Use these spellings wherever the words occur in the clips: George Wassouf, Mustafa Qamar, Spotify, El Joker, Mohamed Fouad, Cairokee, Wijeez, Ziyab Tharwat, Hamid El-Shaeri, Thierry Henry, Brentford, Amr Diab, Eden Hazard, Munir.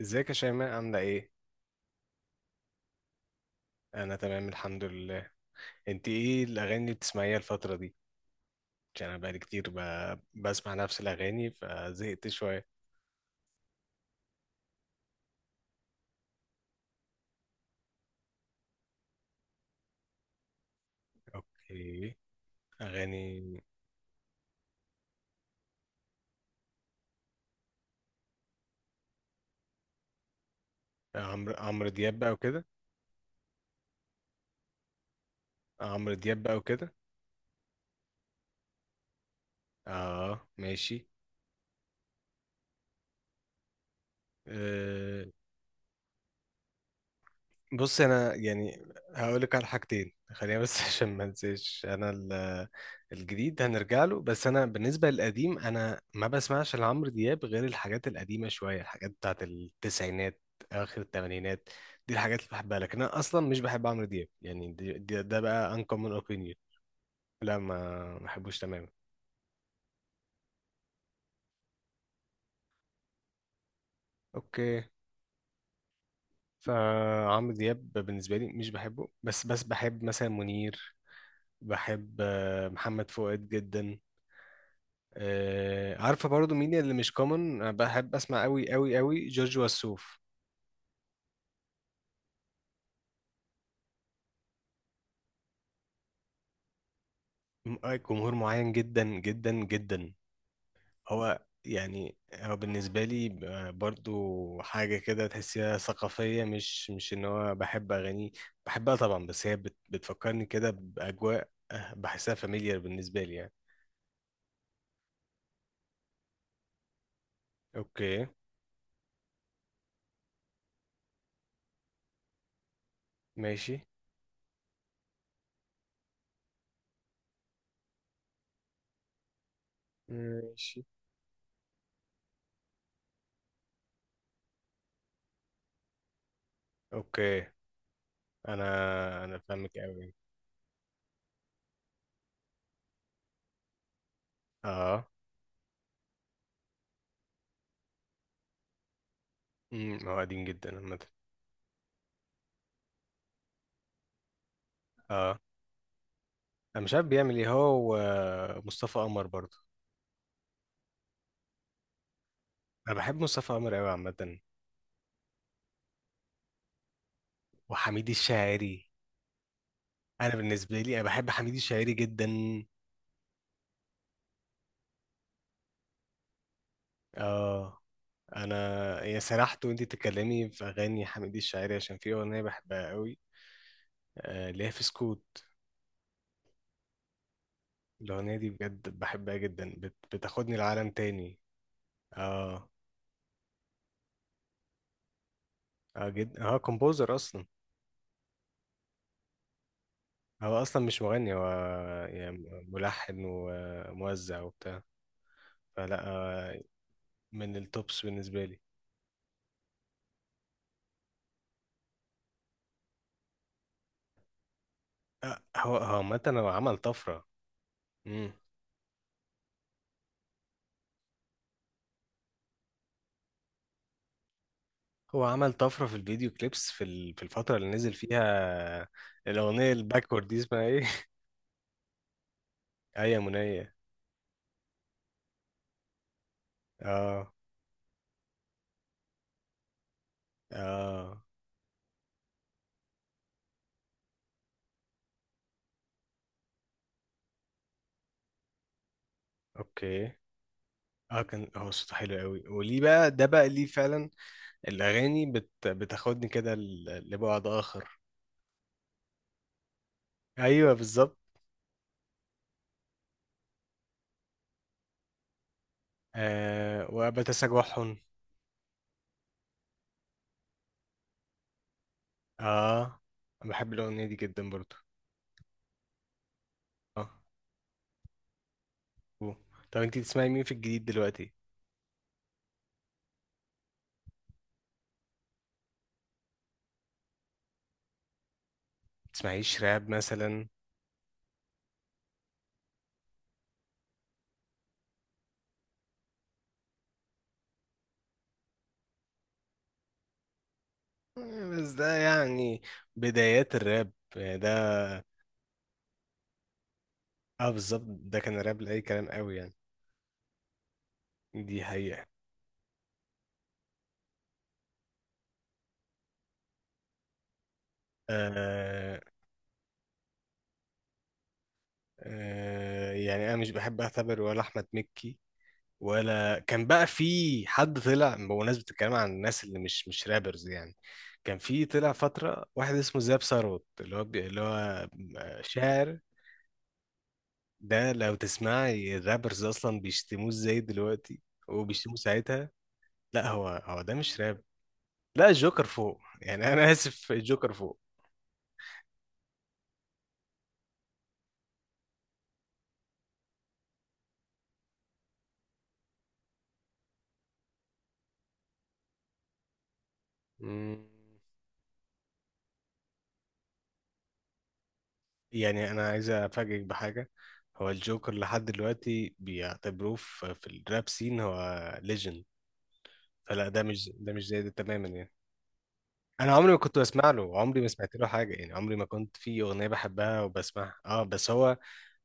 ازيك يا شيماء، عاملة ايه؟ أنا تمام، الحمد لله. انت ايه الأغاني اللي بتسمعيها الفترة دي؟ عشان أنا بقالي كتير بسمع نفس الأغاني فزهقت شوية. اوكي. أغاني عمرو دياب بقى وكده. عمرو دياب بقى وكده. اه، ماشي. آه، بص انا يعني هقول لك على حاجتين، خلينا بس عشان ما انساش، انا الجديد هنرجع له، بس انا بالنسبه للقديم انا ما بسمعش لعمرو دياب غير الحاجات القديمه شويه، الحاجات بتاعت التسعينات، اخر الثمانينات. دي الحاجات اللي بحبها، لكن انا اصلا مش بحب عمرو دياب يعني، ده بقى uncommon opinion. لا، ما بحبوش تماما. اوكي. فعمرو دياب بالنسبه لي مش بحبه، بس بحب مثلا منير. بحب محمد فؤاد جدا. آه، عارفه برضو مين اللي مش كومن بحب اسمع قوي قوي قوي؟ جورج وسوف. جمهور معين جدا جدا جدا. هو يعني هو بالنسبه لي برضو حاجه كده تحسيها ثقافيه، مش ان هو بحب اغانيه، بحبها طبعا، بس هي بتفكرني كده باجواء، بحسها فاميليار بالنسبه لي يعني. اوكي. ماشي. ماشي. اوكي. انا انا فاهمك قوي. اه. هو قديم جدا عامه. اه. انا مش عارف بيعمل ايه هو. ومصطفى قمر برضه. انا بحب مصطفى قمر قوي عامه. وحميد الشاعري. انا بالنسبه لي انا بحب حميد الشاعري جدا. اه. انا يا سرحت وانتي تتكلمي في اغاني حميد الشاعري، عشان في اغنيه بحبها قوي. اللي هي في سكوت. الاغنيه دي بجد بحبها جدا، بتاخدني لعالم تاني. اه. اه جدا، هو كومبوزر اصلا. هو اصلا مش مغني هو يعني، ملحن وموزع وبتاع. فلا، من التوبس بالنسبه لي. هو عامة هو عمل طفرة. مم. هو عمل طفرة في الفيديو كليبس في الفترة اللي نزل فيها. الأغنية الباكورد دي اسمها ايه؟ آية منية. اه، اه. اوكي. اه، كان هو صوته حلو قوي، وليه بقى، ده بقى ليه فعلا؟ الأغاني بتاخدني كده لبعد آخر. أيوه، بالظبط. وبتسامحهم. اه. أنا بحب الأغنية دي جدا برضو. اه. أوه. طب انتي بتسمعي مين في الجديد دلوقتي؟ بتسمعيش راب مثلا؟ بس ده يعني بدايات الراب يعني ده. اه، بالظبط، ده كان الراب لأي كلام قوي يعني. دي حقيقة. آه، آه. يعني أنا مش بحب أعتبر ولا أحمد مكي، ولا كان بقى في حد طلع بمناسبة الكلام عن الناس اللي مش رابرز يعني. كان في طلع فترة واحد اسمه زياب ثروت، اللي هو شاعر. ده لو تسمعي الرابرز أصلا بيشتموه ازاي دلوقتي، وبيشتموه ساعتها. لا، هو ده مش راب. لا، الجوكر فوق يعني انا اسف، الجوكر فوق. مم. يعني انا عايز افاجئك بحاجه، هو الجوكر لحد دلوقتي بيعتبروه في الراب سين هو ليجند. فلا، ده مش زي ده تماما يعني. انا عمري ما كنت بسمع له، عمري ما سمعت له حاجه يعني، عمري ما كنت في اغنيه بحبها وبسمعها، اه بس هو.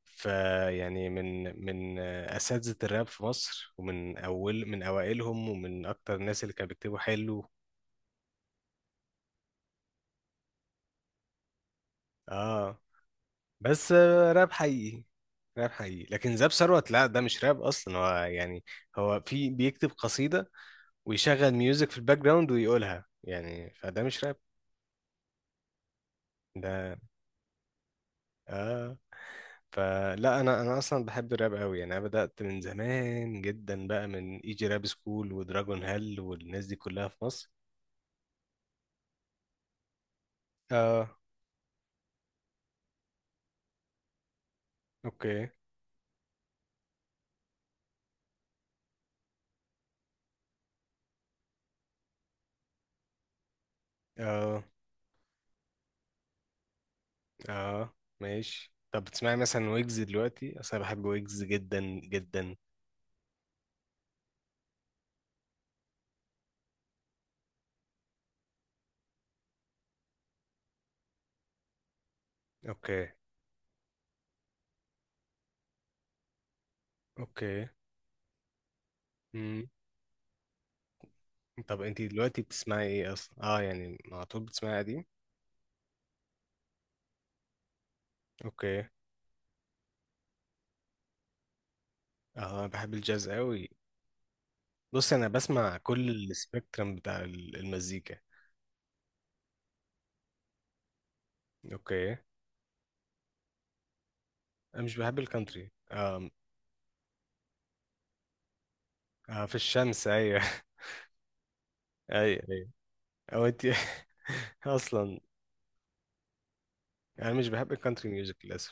ف، يعني من اساتذه الراب في مصر، ومن اول من اوائلهم، ومن اكتر الناس اللي كانوا بيكتبوا حلو. اه. بس راب حقيقي. راب حقيقي، لكن زاب ثروت لا ده مش راب اصلا هو يعني، هو في بيكتب قصيدة ويشغل ميوزك في الباك جراوند ويقولها يعني، فده مش راب. ده. اه. فلا، انا اصلا بحب الراب قوي يعني، انا بدأت من زمان جدا بقى، من ايجي راب سكول ودراجون هال والناس دي كلها في مصر. اه. اوكي. اه، اه، ماشي. طب بتسمعي مثلا ويجز دلوقتي؟ اصلا بحب ويجز جدا جدا. اوكي. اوكي. طب انت دلوقتي بتسمعي ايه اصلا؟ اه، يعني على طول بتسمعي قديم؟ اوكي. اه، بحب الجاز قوي. بص انا بسمع كل السبيكترم بتاع المزيكا. اوكي. انا مش بحب الكانتري. في الشمس، ايوه. ايوه، ايوه. او انت اصلا. انا مش بحب الكانتري ميوزك للاسف.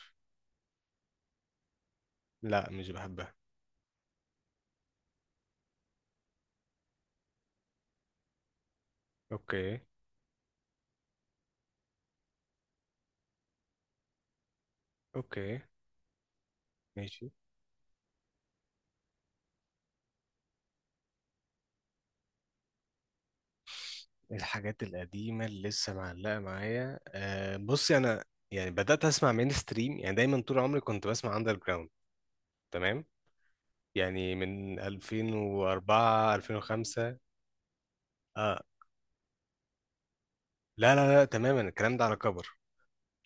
لا، مش بحبها. اوكي. اوكي. ماشي. الحاجات القديمه اللي لسه معلقه معايا، بصي انا يعني بدات اسمع مين ستريم، يعني دايما طول عمري كنت بسمع اندر جراوند. تمام. يعني من 2004 2005. اه. لا، لا، لا، تماما الكلام ده على كبر.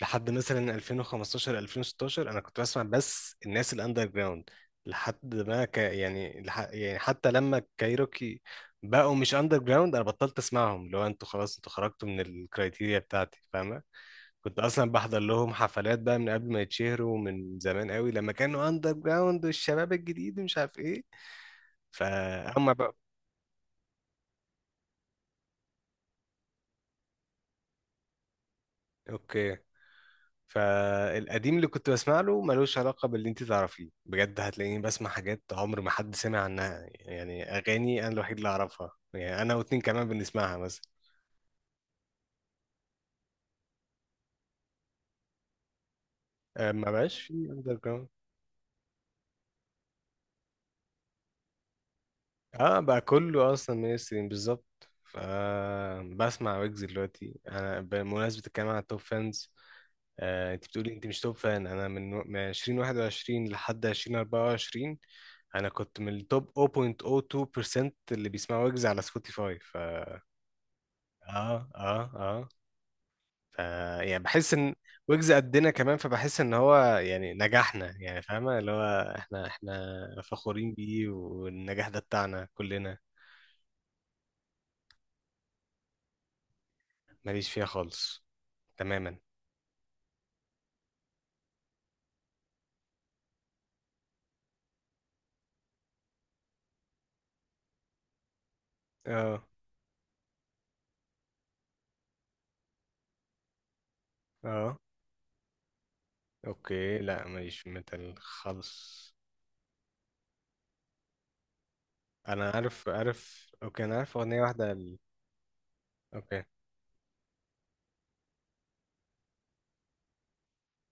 لحد مثلا 2015 2016 انا كنت بسمع بس الناس الاندر جراوند. لحد ما يعني يعني حتى لما كايروكي بقوا مش اندر جراوند، انا بطلت اسمعهم، لو انتوا خلاص انتوا خرجتوا من الكرايتيريا بتاعتي، فاهمه؟ كنت اصلا بحضر لهم حفلات بقى من قبل ما يتشهروا، من زمان قوي لما كانوا اندر جراوند والشباب الجديد ومش عارف ايه، فهم بقى. اوكي. فالقديم اللي كنت بسمع له ملوش علاقة باللي انت تعرفيه، بجد هتلاقيني بسمع حاجات عمر ما حد سمع عنها، يعني أغاني أنا الوحيد اللي أعرفها، يعني أنا واتنين كمان بنسمعها مثلا. آه، ما بقاش في أندر جراوند. اه، بقى كله أصلا مينستريم بالظبط. ف بسمع ويجز دلوقتي أنا، بمناسبة الكلام عن التوب فانز. آه، انت بتقولي انت مش توب فان، انا من 2021 لحد 2024. انا كنت من التوب 0.02% اللي بيسمعوا ويجز على سبوتيفاي. ف اه، اه، اه. ف يعني بحس ان ويجز قدنا كمان، فبحس ان هو يعني نجحنا يعني، فاهمة، اللي هو احنا فخورين بيه، والنجاح ده بتاعنا كلنا. ماليش فيها خالص، تماما. اه، اه. اوكي، لا ماليش في ميتال خالص. انا عارف، اوكي، انا عارف اغنية واحدة اوكي،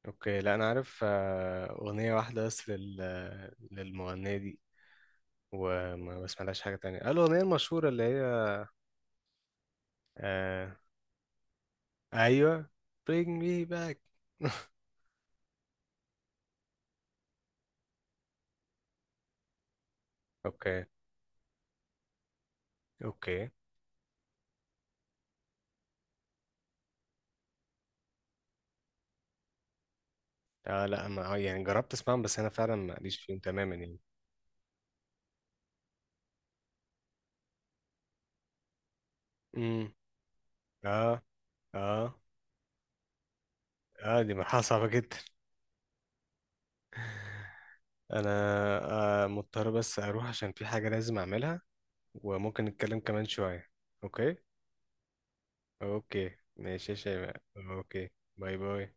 اوكي، لا انا عارف، اغنية واحدة بس للمغنية دي، وما بسمعلهاش حاجة تانية، الاغنية المشهورة اللي هي، آه، ايوه bring me back. اوكي، اوكي. اه، لا ما، يعني جربت اسمعهم، بس انا فعلا ماليش فيهم تماما يعني. امم اه، اه، اه، دي مرحله صعبه جدا. انا مضطر بس اروح عشان في حاجه لازم اعملها، وممكن نتكلم كمان شويه. اوكي. اوكي، ماشي يا شباب، اوكي. باي باي.